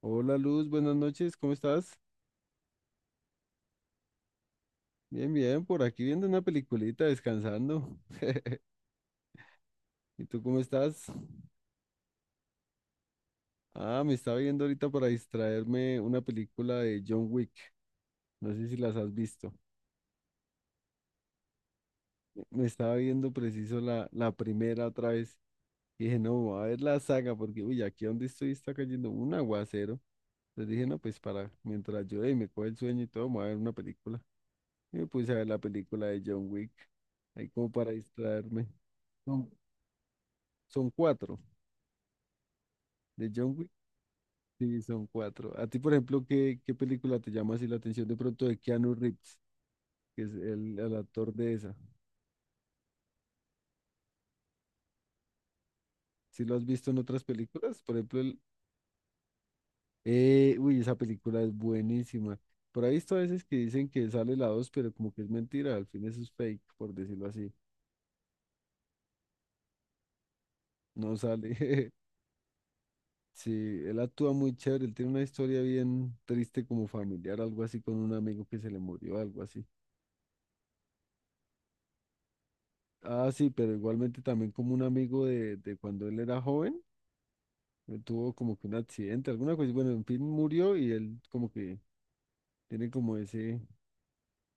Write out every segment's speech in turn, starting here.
Hola Luz, buenas noches, ¿cómo estás? Bien, bien, por aquí viendo una peliculita, descansando. ¿Y tú cómo estás? Ah, me estaba viendo ahorita para distraerme una película de John Wick, no sé si las has visto. Me estaba viendo preciso la primera otra vez. Y dije, no, voy a ver la saga, porque uy, aquí donde estoy está cayendo un aguacero. Entonces dije, no, pues para, mientras yo y me coge el sueño y todo, me voy a ver una película. Y me puse a ver la película de John Wick, ahí como para distraerme. Son, son cuatro. De John Wick, sí, son cuatro. A ti, por ejemplo, ¿qué película te llama así la atención de pronto de Keanu Reeves, que es el actor de esa? ¿Sí lo has visto en otras películas? Por ejemplo, uy, esa película es buenísima. Por ahí he visto a veces que dicen que sale la dos, pero como que es mentira, al fin eso es fake, por decirlo así. No sale. Sí, él actúa muy chévere, él tiene una historia bien triste como familiar, algo así con un amigo que se le murió, algo así. Ah, sí, pero igualmente también como un amigo de cuando él era joven tuvo como que un accidente, alguna cosa, bueno, en fin, murió y él como que tiene como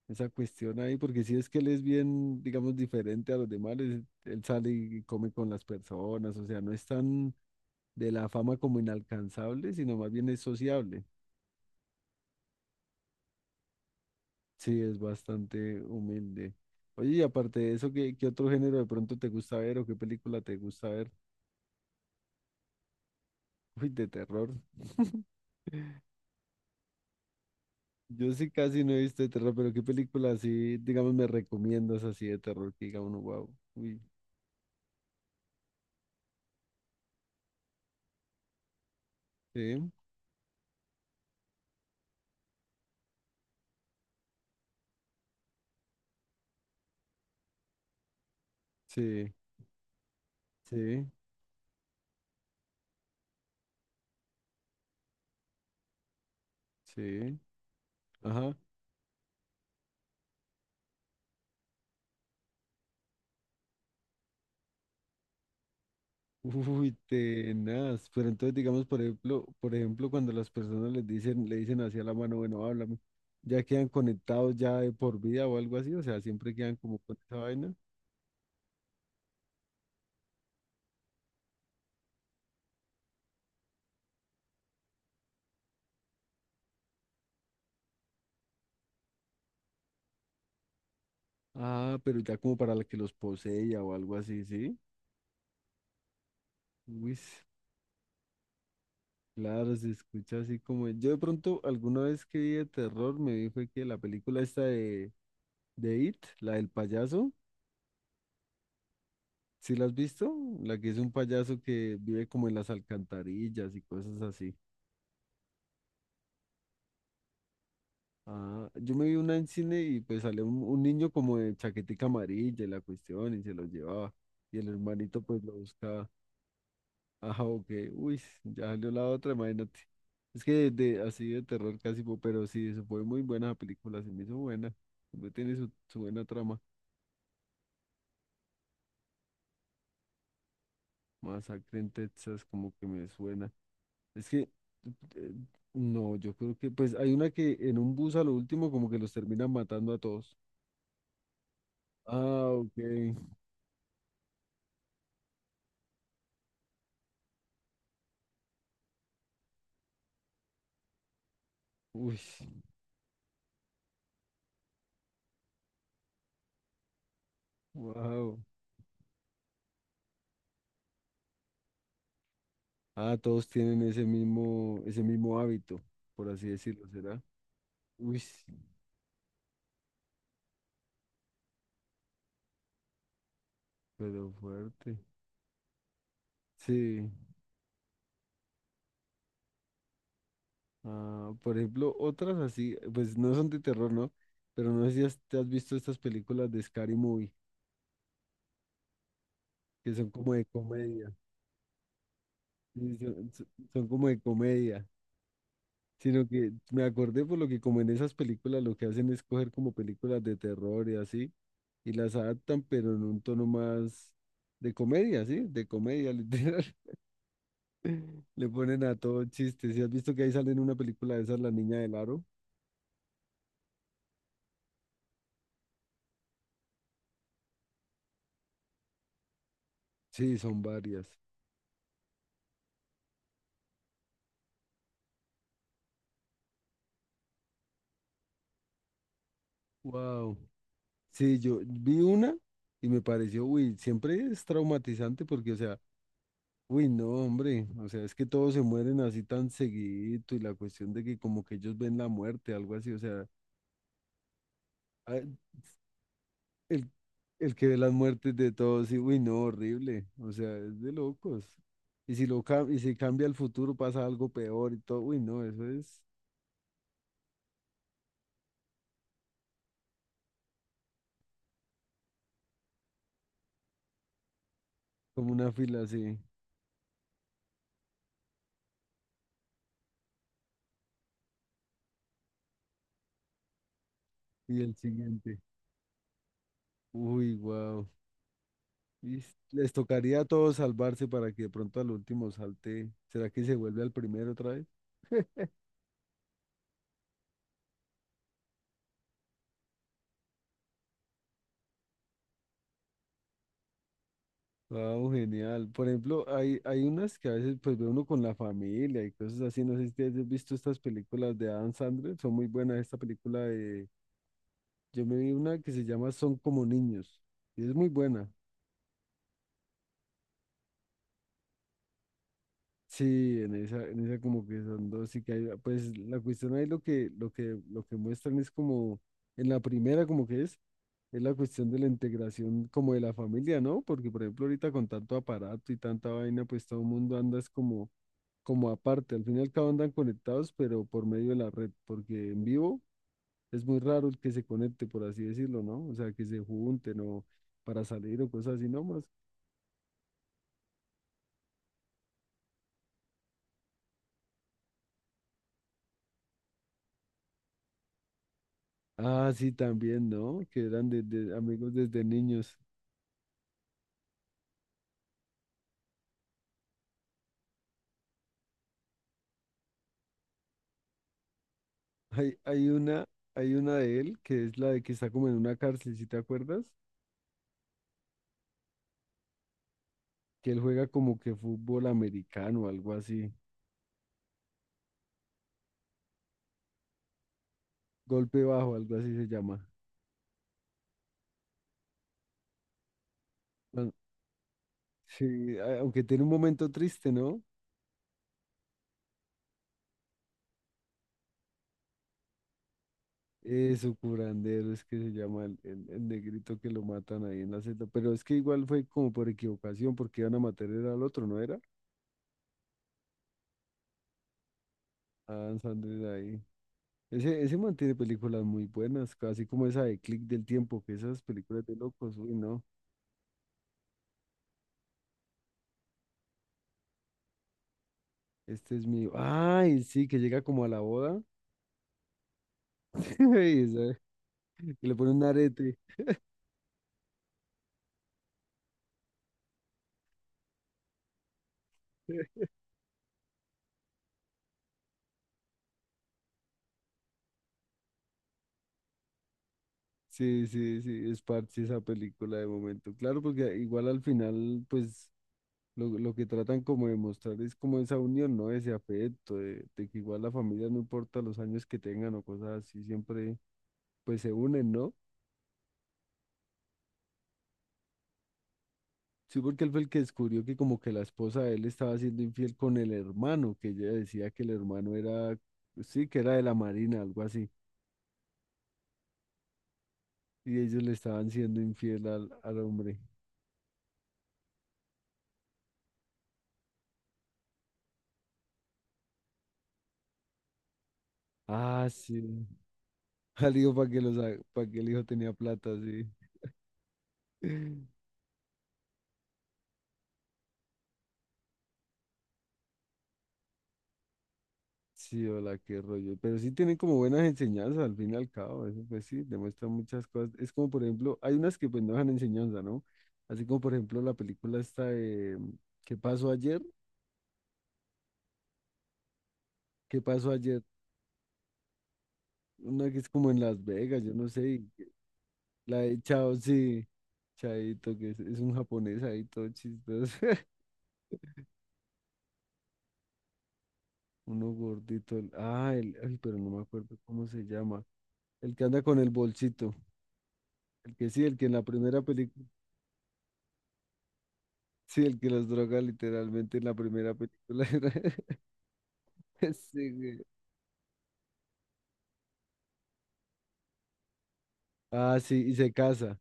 esa cuestión ahí, porque si es que él es bien, digamos, diferente a los demás, él sale y come con las personas, o sea, no es tan de la fama como inalcanzable, sino más bien es sociable. Sí, es bastante humilde. Oye, y aparte de eso, ¿qué otro género de pronto te gusta ver o qué película te gusta ver? Uy, de terror. Yo sí casi no he visto de terror, pero qué película así, digamos, me recomiendas así de terror que diga uno, wow. Uy, sí, sí, sí, sí, ajá. Uy, tenaz. Pero entonces, digamos, por ejemplo, cuando las personas les dicen, le dicen así a la mano, bueno, háblame, ya quedan conectados ya de por vida o algo así, o sea, siempre quedan como con esa vaina. Ah, pero ya como para la que los posea o algo así, ¿sí? Uy, claro, se escucha así como... Yo de pronto alguna vez que vi de terror me dijo que la película esta de It, la del payaso, ¿sí la has visto? La que es un payaso que vive como en las alcantarillas y cosas así. Ah, yo me vi una en cine y pues salió un niño como de chaquetica amarilla y la cuestión y se lo llevaba y el hermanito pues lo buscaba. Ajá, ok. Uy, ya salió la otra, imagínate. Es que así de terror casi, pero sí, eso fue muy buena la película, se me hizo buena. Siempre tiene su buena trama. Masacre en Texas, como que me suena. Es que, eh, no, yo creo que, pues hay una que en un bus a lo último como que los terminan matando a todos. Ah, ok. Uy, wow. Ah, todos tienen ese mismo hábito, por así decirlo, ¿será? Uy, pero fuerte. Sí. Ah, por ejemplo, otras así, pues no son de terror, ¿no? Pero no sé si te has visto estas películas de Scary Movie, que son como de comedia. Sí, sí, son como de comedia. Sino que me acordé por lo que como en esas películas lo que hacen es coger como películas de terror y así, y las adaptan, pero en un tono más de comedia, ¿sí? De comedia, literal. Le ponen a todo chistes. ¿Sí has visto que ahí sale en una película de esas, La Niña del Aro? Sí, son varias. Wow. Sí, yo vi una y me pareció, uy, siempre es traumatizante porque, o sea, uy, no, hombre, o sea, es que todos se mueren así tan seguidito y la cuestión de que como que ellos ven la muerte, algo así, o sea, ah, el, el que ve las muertes de todos, y uy, no, horrible, o sea, es de locos. Y si lo y si cambia el futuro pasa algo peor y todo, uy, no, eso es como una fila así. Y el siguiente, uy, wow. Y les tocaría a todos salvarse para que de pronto al último salte. ¿Será que se vuelve al primero otra vez? Wow, genial. Por ejemplo, hay unas que a veces pues ve uno con la familia y cosas así. No sé si ustedes han visto estas películas de Adam Sandler, son muy buenas. Esta película de, yo me vi una que se llama Son como niños y es muy buena. Sí, en esa como que son dos y que hay, pues la cuestión ahí lo que, lo que muestran es como en la primera como que es. Es la cuestión de la integración como de la familia, ¿no? Porque, por ejemplo, ahorita con tanto aparato y tanta vaina, pues todo el mundo anda es como aparte. Al fin y al cabo andan conectados, pero por medio de la red, porque en vivo es muy raro el que se conecte, por así decirlo, ¿no? O sea, que se junten o para salir o cosas así nomás. Ah, sí, también, ¿no? Que eran desde amigos desde niños. Hay, hay una, hay una de él que es la de que está como en una cárcel, ¿si te acuerdas? Que él juega como que fútbol americano o algo así. Golpe bajo, algo así se llama. Bueno, sí, aunque tiene un momento triste, ¿no? Eso, curandero, es que se llama el negrito que lo matan ahí en la celda. Pero es que igual fue como por equivocación, porque iban a matar era al otro, ¿no era? A Adam Sandler ahí. Ese man tiene películas muy buenas, así como esa de Click del Tiempo, que esas películas de locos, uy, no. Este es mío. Ay, sí, que llega como a la boda y, y le pone un arete. Sí, sí, sí, es parte esa película de momento. Claro, porque igual al final, pues lo que tratan como de mostrar es como esa unión, ¿no? Ese afecto, de que igual la familia no importa los años que tengan o cosas así, siempre pues se unen, ¿no? Sí, porque él fue el que descubrió que como que la esposa de él estaba siendo infiel con el hermano, que ella decía que el hermano era, sí, que era de la marina, algo así, y ellos le estaban siendo infiel al hombre. Ah, sí. Al hijo para que, los, para que el hijo tenía plata, sí. Sí, hola, qué rollo. Pero sí tienen como buenas enseñanzas al fin y al cabo. Eso pues sí, demuestra muchas cosas. Es como, por ejemplo, hay unas que pues no dejan enseñanza, ¿no? Así como, por ejemplo, la película esta de ¿Qué pasó ayer? ¿Qué pasó ayer? Una que es como en Las Vegas, yo no sé. La de Chao, sí. Chaito, que es un japonés ahí todo chistoso. Uno gordito. Ah, el, ay, pero no me acuerdo cómo se llama. El que anda con el bolsito. El que sí, el que en la primera película. Sí, el que los droga literalmente en la primera película era ese, güey. Ah, sí, y se casa,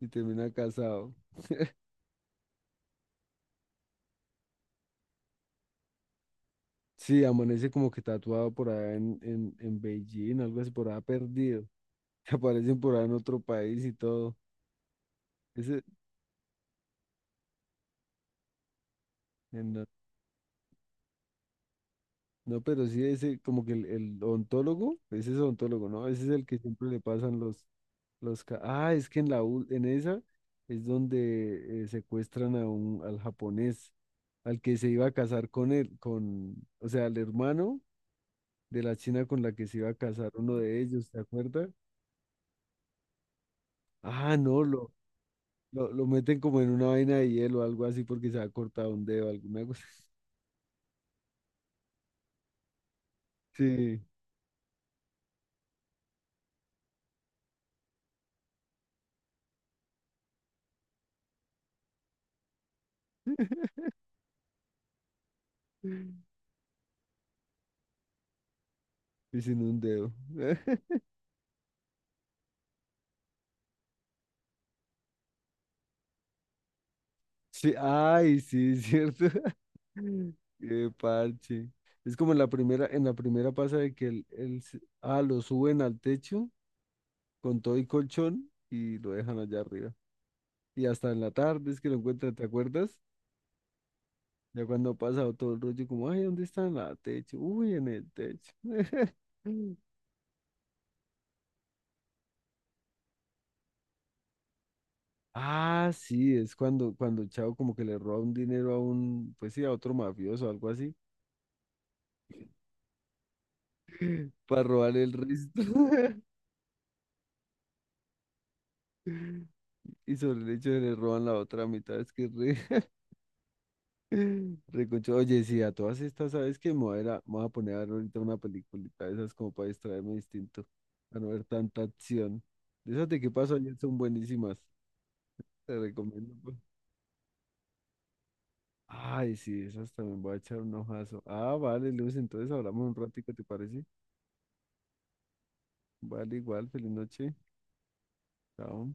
y termina casado. Sí, amanece como que tatuado por allá en Beijing, algo así, por allá perdido. Que aparecen por allá en otro país y todo. Ese, en la- no, pero sí, ese como que el ontólogo, ese es ontólogo, ¿no? Ese es el que siempre le pasan los... Ah, es que en la, en esa es donde secuestran a un, al japonés. Al que se iba a casar con él, con, o sea, al hermano de la china con la que se iba a casar uno de ellos, ¿te acuerdas? Ah, no, lo meten como en una vaina de hielo o algo así porque se ha cortado un dedo, alguna cosa. Sí, y sin un dedo. Sí, ay, sí, es cierto. Qué parche. Es como en la primera pasa de que ah, lo suben al techo con todo y colchón y lo dejan allá arriba. Y hasta en la tarde es que lo encuentran, ¿te acuerdas? Ya cuando ha pasado todo el rollo, como, ay, ¿dónde está en la techo? Uy, en el techo. Ah, sí, es cuando, cuando el chavo como que le roba un dinero a un, pues sí, a otro mafioso o algo así, para robarle el resto. Y sobre el hecho de le roban la otra mitad, es que re, re Oye, sí, a todas estas, ¿sabes qué? Me voy a, me voy a poner a ver ahorita una peliculita de esas como para distraerme distinto, para no ver tanta acción. De esas de qué pasó ayer son buenísimas, te recomiendo. Ay, sí, esas también voy a echar un ojazo. Ah, vale, Luz, entonces hablamos un ratico, ¿te parece? Vale, igual, feliz noche. Chao.